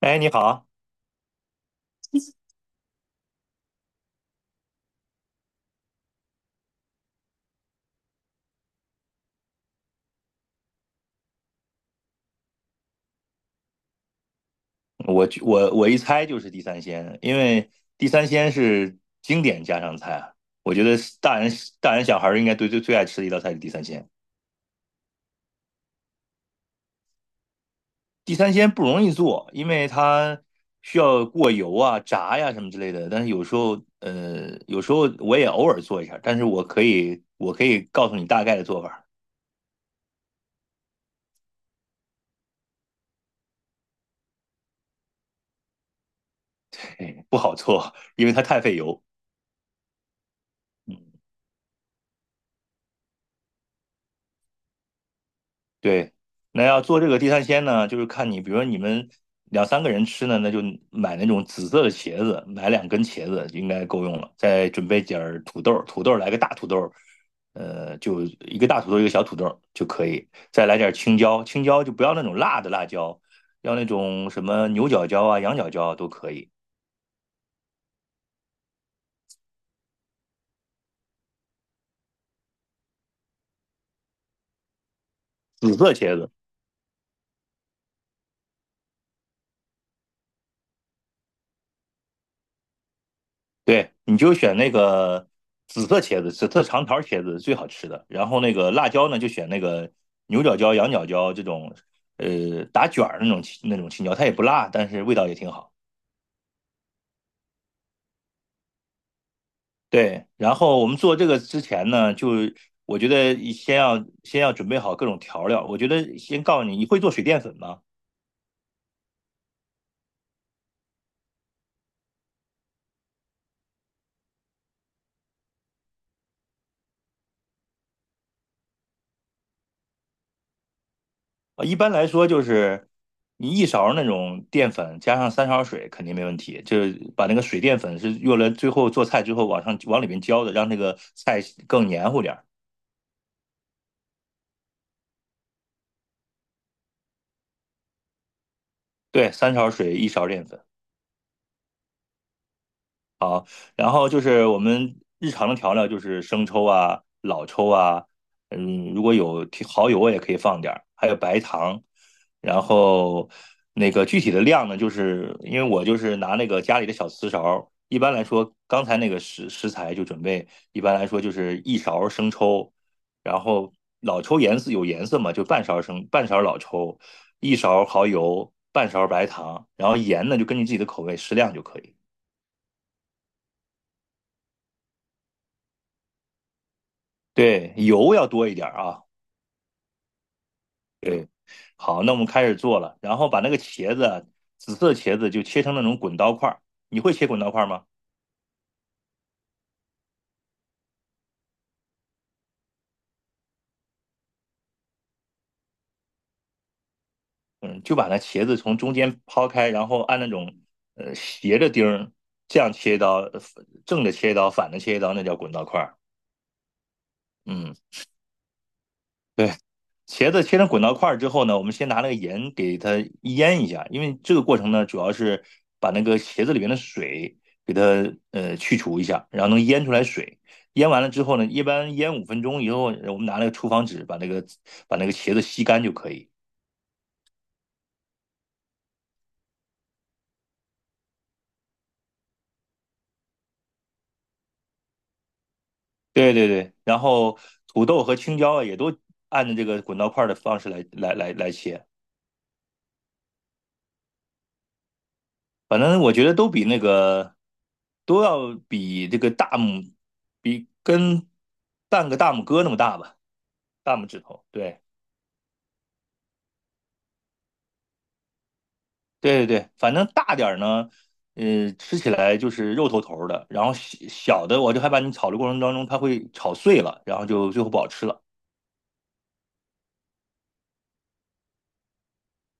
哎，你好。我就一猜就是地三鲜，因为地三鲜是经典家常菜啊，我觉得是大人小孩儿应该最最最爱吃的一道菜是地三鲜。地三鲜不容易做，因为它需要过油啊、炸呀、什么之类的。但是有时候我也偶尔做一下，但是我可以告诉你大概的做法儿。嘿，不好做，因为它太费油。嗯。对，那要做这个地三鲜呢，就是看你，比如说你们两三个人吃呢，那就买那种紫色的茄子，买两根茄子应该够用了。再准备点儿土豆，土豆来个大土豆，就一个大土豆一个小土豆就可以。再来点青椒，青椒就不要那种辣的辣椒，要那种什么牛角椒啊、羊角椒啊都可以。紫色茄子，对，你就选那个紫色茄子，紫色长条茄子最好吃的。然后那个辣椒呢，就选那个牛角椒、羊角椒这种，打卷儿那种青椒，它也不辣，但是味道也挺好。对，然后我们做这个之前呢，就我觉得先要准备好各种调料。我觉得先告诉你，你会做水淀粉吗？啊，一般来说就是你一勺那种淀粉加上三勺水肯定没问题，就是把那个水淀粉是用来最后做菜之后往上往里面浇的，让那个菜更黏糊点儿。对，三勺水一勺淀粉。好，然后就是我们日常的调料就是生抽啊、老抽啊，如果有提蚝油也可以放点儿，还有白糖。然后那个具体的量呢，就是因为我就是拿那个家里的小瓷勺，一般来说，刚才那个食材就准备，一般来说就是一勺生抽，然后老抽颜色有颜色嘛，就半勺生半勺老抽，一勺蚝油，半勺白糖，然后盐呢就根据自己的口味适量就可以。对，油要多一点儿啊。对，好，那我们开始做了，然后把那个茄子啊紫色茄子就切成那种滚刀块儿。你会切滚刀块儿吗？嗯，就把那茄子从中间抛开，然后按那种斜着钉儿这样切一刀，正着切一刀，反着切一刀，那叫滚刀块儿。嗯，对，茄子切成滚刀块之后呢，我们先拿那个盐给它腌一下，因为这个过程呢，主要是把那个茄子里面的水给它去除一下，然后能腌出来水。腌完了之后呢，一般腌5分钟以后，我们拿那个厨房纸把那个茄子吸干就可以。对对对，然后土豆和青椒啊也都按照这个滚刀块的方式来切，反正我觉得都要比半个大拇哥那么大吧。大拇指头，对对对对，反正大点儿呢，吃起来就是肉头头的，然后小小的我就害怕你炒的过程当中它会炒碎了，然后就最后不好吃了。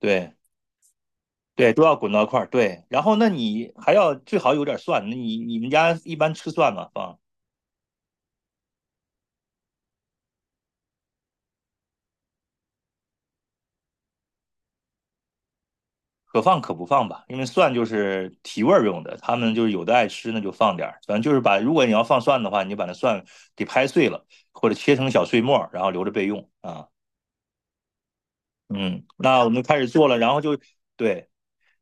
对对，都要滚到一块儿。对，然后那你还要最好有点蒜，那你们家一般吃蒜吗？可放可不放吧，因为蒜就是提味儿用的，他们就是有的爱吃那就放点儿，反正就是把如果你要放蒜的话，你就把那蒜给拍碎了，或者切成小碎末儿然后留着备用啊。嗯，那我们开始做了，然后就对，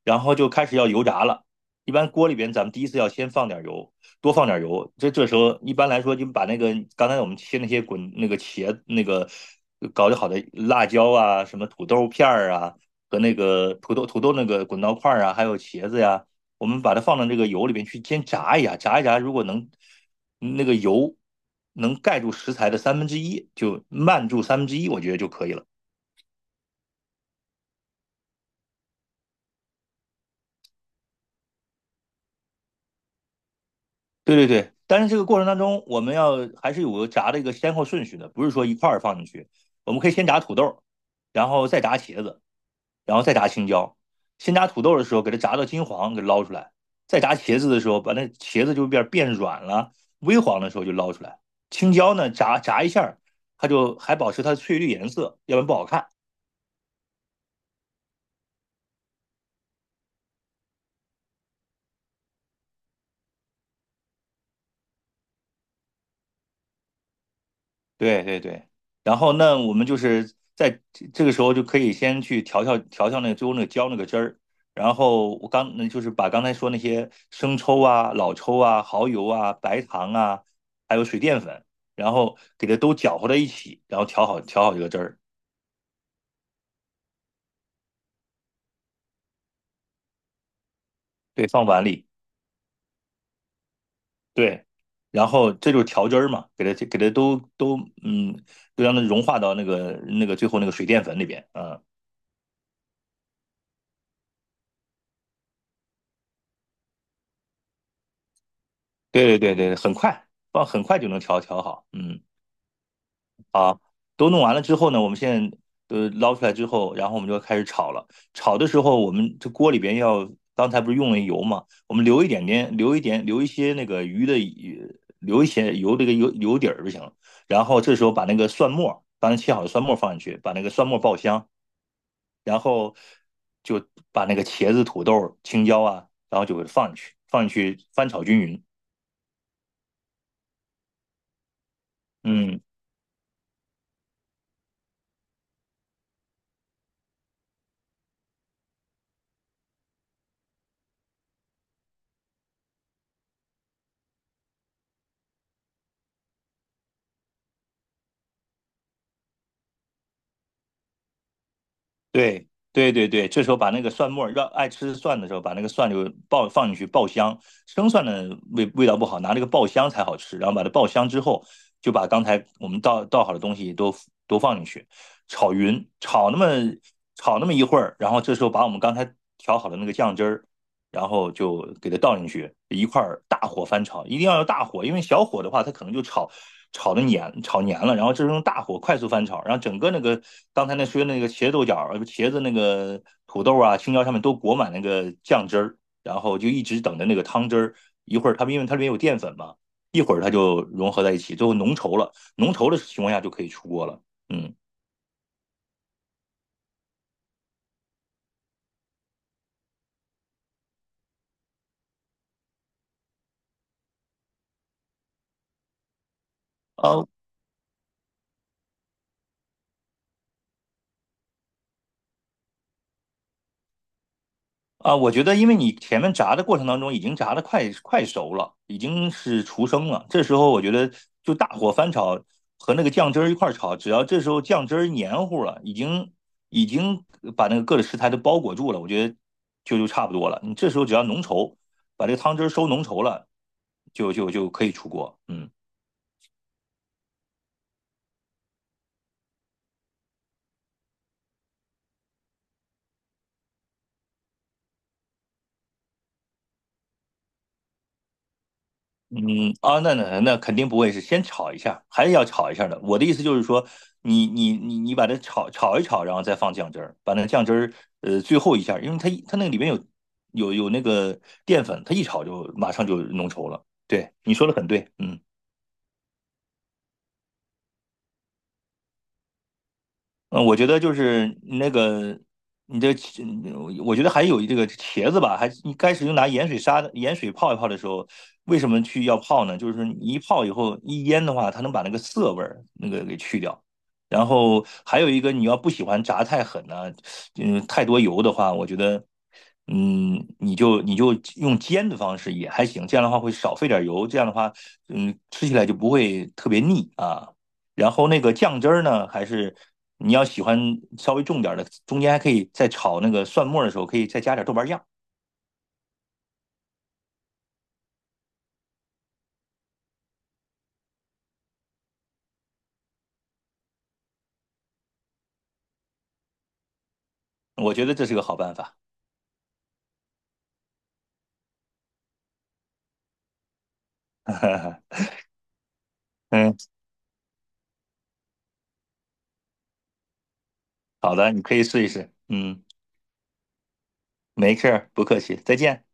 然后就开始要油炸了。一般锅里边，咱们第一次要先放点油，多放点油。这时候一般来说，就把那个刚才我们切那些滚那个茄那个搞得好的辣椒啊，什么土豆片儿啊，和那个土豆那个滚刀块儿啊，还有茄子呀，我们把它放到这个油里边去先炸一下，炸一炸，如果能那个油能盖住食材的三分之一，就慢住三分之一，我觉得就可以了。对对对，但是这个过程当中，我们要还是有个炸的一个先后顺序的，不是说一块儿放进去。我们可以先炸土豆，然后再炸茄子，然后再炸青椒。先炸土豆的时候，给它炸到金黄，给它捞出来；再炸茄子的时候，把那茄子就变软了，微黄的时候就捞出来。青椒呢，炸一下，它就还保持它的翠绿颜色，要不然不好看。对对对，然后那我们就是在这个时候就可以先去调那个最后那个浇那个汁儿，然后我刚那就是把刚才说那些生抽啊、老抽啊、蚝油啊、白糖啊，还有水淀粉，然后给它都搅和在一起，然后调好这个汁儿，对，放碗里。对，然后这就是调汁儿嘛，给它给它都都嗯，都让它融化到那个最后那个水淀粉里边。嗯，对对对对，很快，放很快就能调好，嗯。都弄完了之后呢，我们现在捞出来之后，然后我们就开始炒了。炒的时候，我们这锅里边要刚才不是用了油嘛，我们留一些油，这个油底儿就行了。然后这时候把那个蒜末，刚才切好的蒜末放进去，把那个蒜末爆香，然后就把那个茄子、土豆、青椒啊，然后就给它放进去，放进去翻炒均匀。嗯，对对对对，这时候把那个蒜末儿，让爱吃蒜的时候，把那个蒜就放进去爆香。生蒜的味道不好，拿那个爆香才好吃。然后把它爆香之后，就把刚才我们倒好的东西都放进去，炒匀，炒那么一会儿，然后这时候把我们刚才调好的那个酱汁儿然后就给它倒进去，一块儿大火翻炒，一定要用大火，因为小火的话，它可能就炒黏了。然后这是用大火快速翻炒，然后整个那个刚才说那个茄子那个土豆啊、青椒上面都裹满那个酱汁儿，然后就一直等着那个汤汁儿，一会儿它因为它里面有淀粉嘛，一会儿它就融合在一起，最后浓稠了，浓稠的情况下就可以出锅了。嗯。呃，啊，我觉得因为你前面炸的过程当中已经炸的快熟了，已经是出生了。这时候我觉得就大火翻炒和那个酱汁儿一块儿炒，只要这时候酱汁儿黏糊了，已经把那个各个食材都包裹住了，我觉得就差不多了。你这时候只要浓稠，把这个汤汁儿收浓稠了，就可以出锅。嗯。嗯，啊，那肯定不会是先炒一下，还是要炒一下的。我的意思就是说，你把它炒一炒，然后再放酱汁儿，把那酱汁儿最后一下，因为它那个里面有那个淀粉，它一炒就马上就浓稠了。对，你说的很对，嗯。嗯，我觉得就是那个，你这，嗯我觉得还有这个茄子吧，还你开始拿盐水泡一泡的时候，为什么要泡呢？就是你一泡以后一腌的话，它能把那个涩味儿那个给去掉。然后还有一个，你要不喜欢炸太狠呢、太多油的话，我觉得，你就用煎的方式也还行，这样的话会少费点油，这样的话，吃起来就不会特别腻啊。然后那个酱汁儿呢，还是你要喜欢稍微重点的，中间还可以在炒那个蒜末的时候，可以再加点豆瓣酱，我觉得这是个好办法。嗯，好的，你可以试一试。嗯，没事儿，不客气，再见。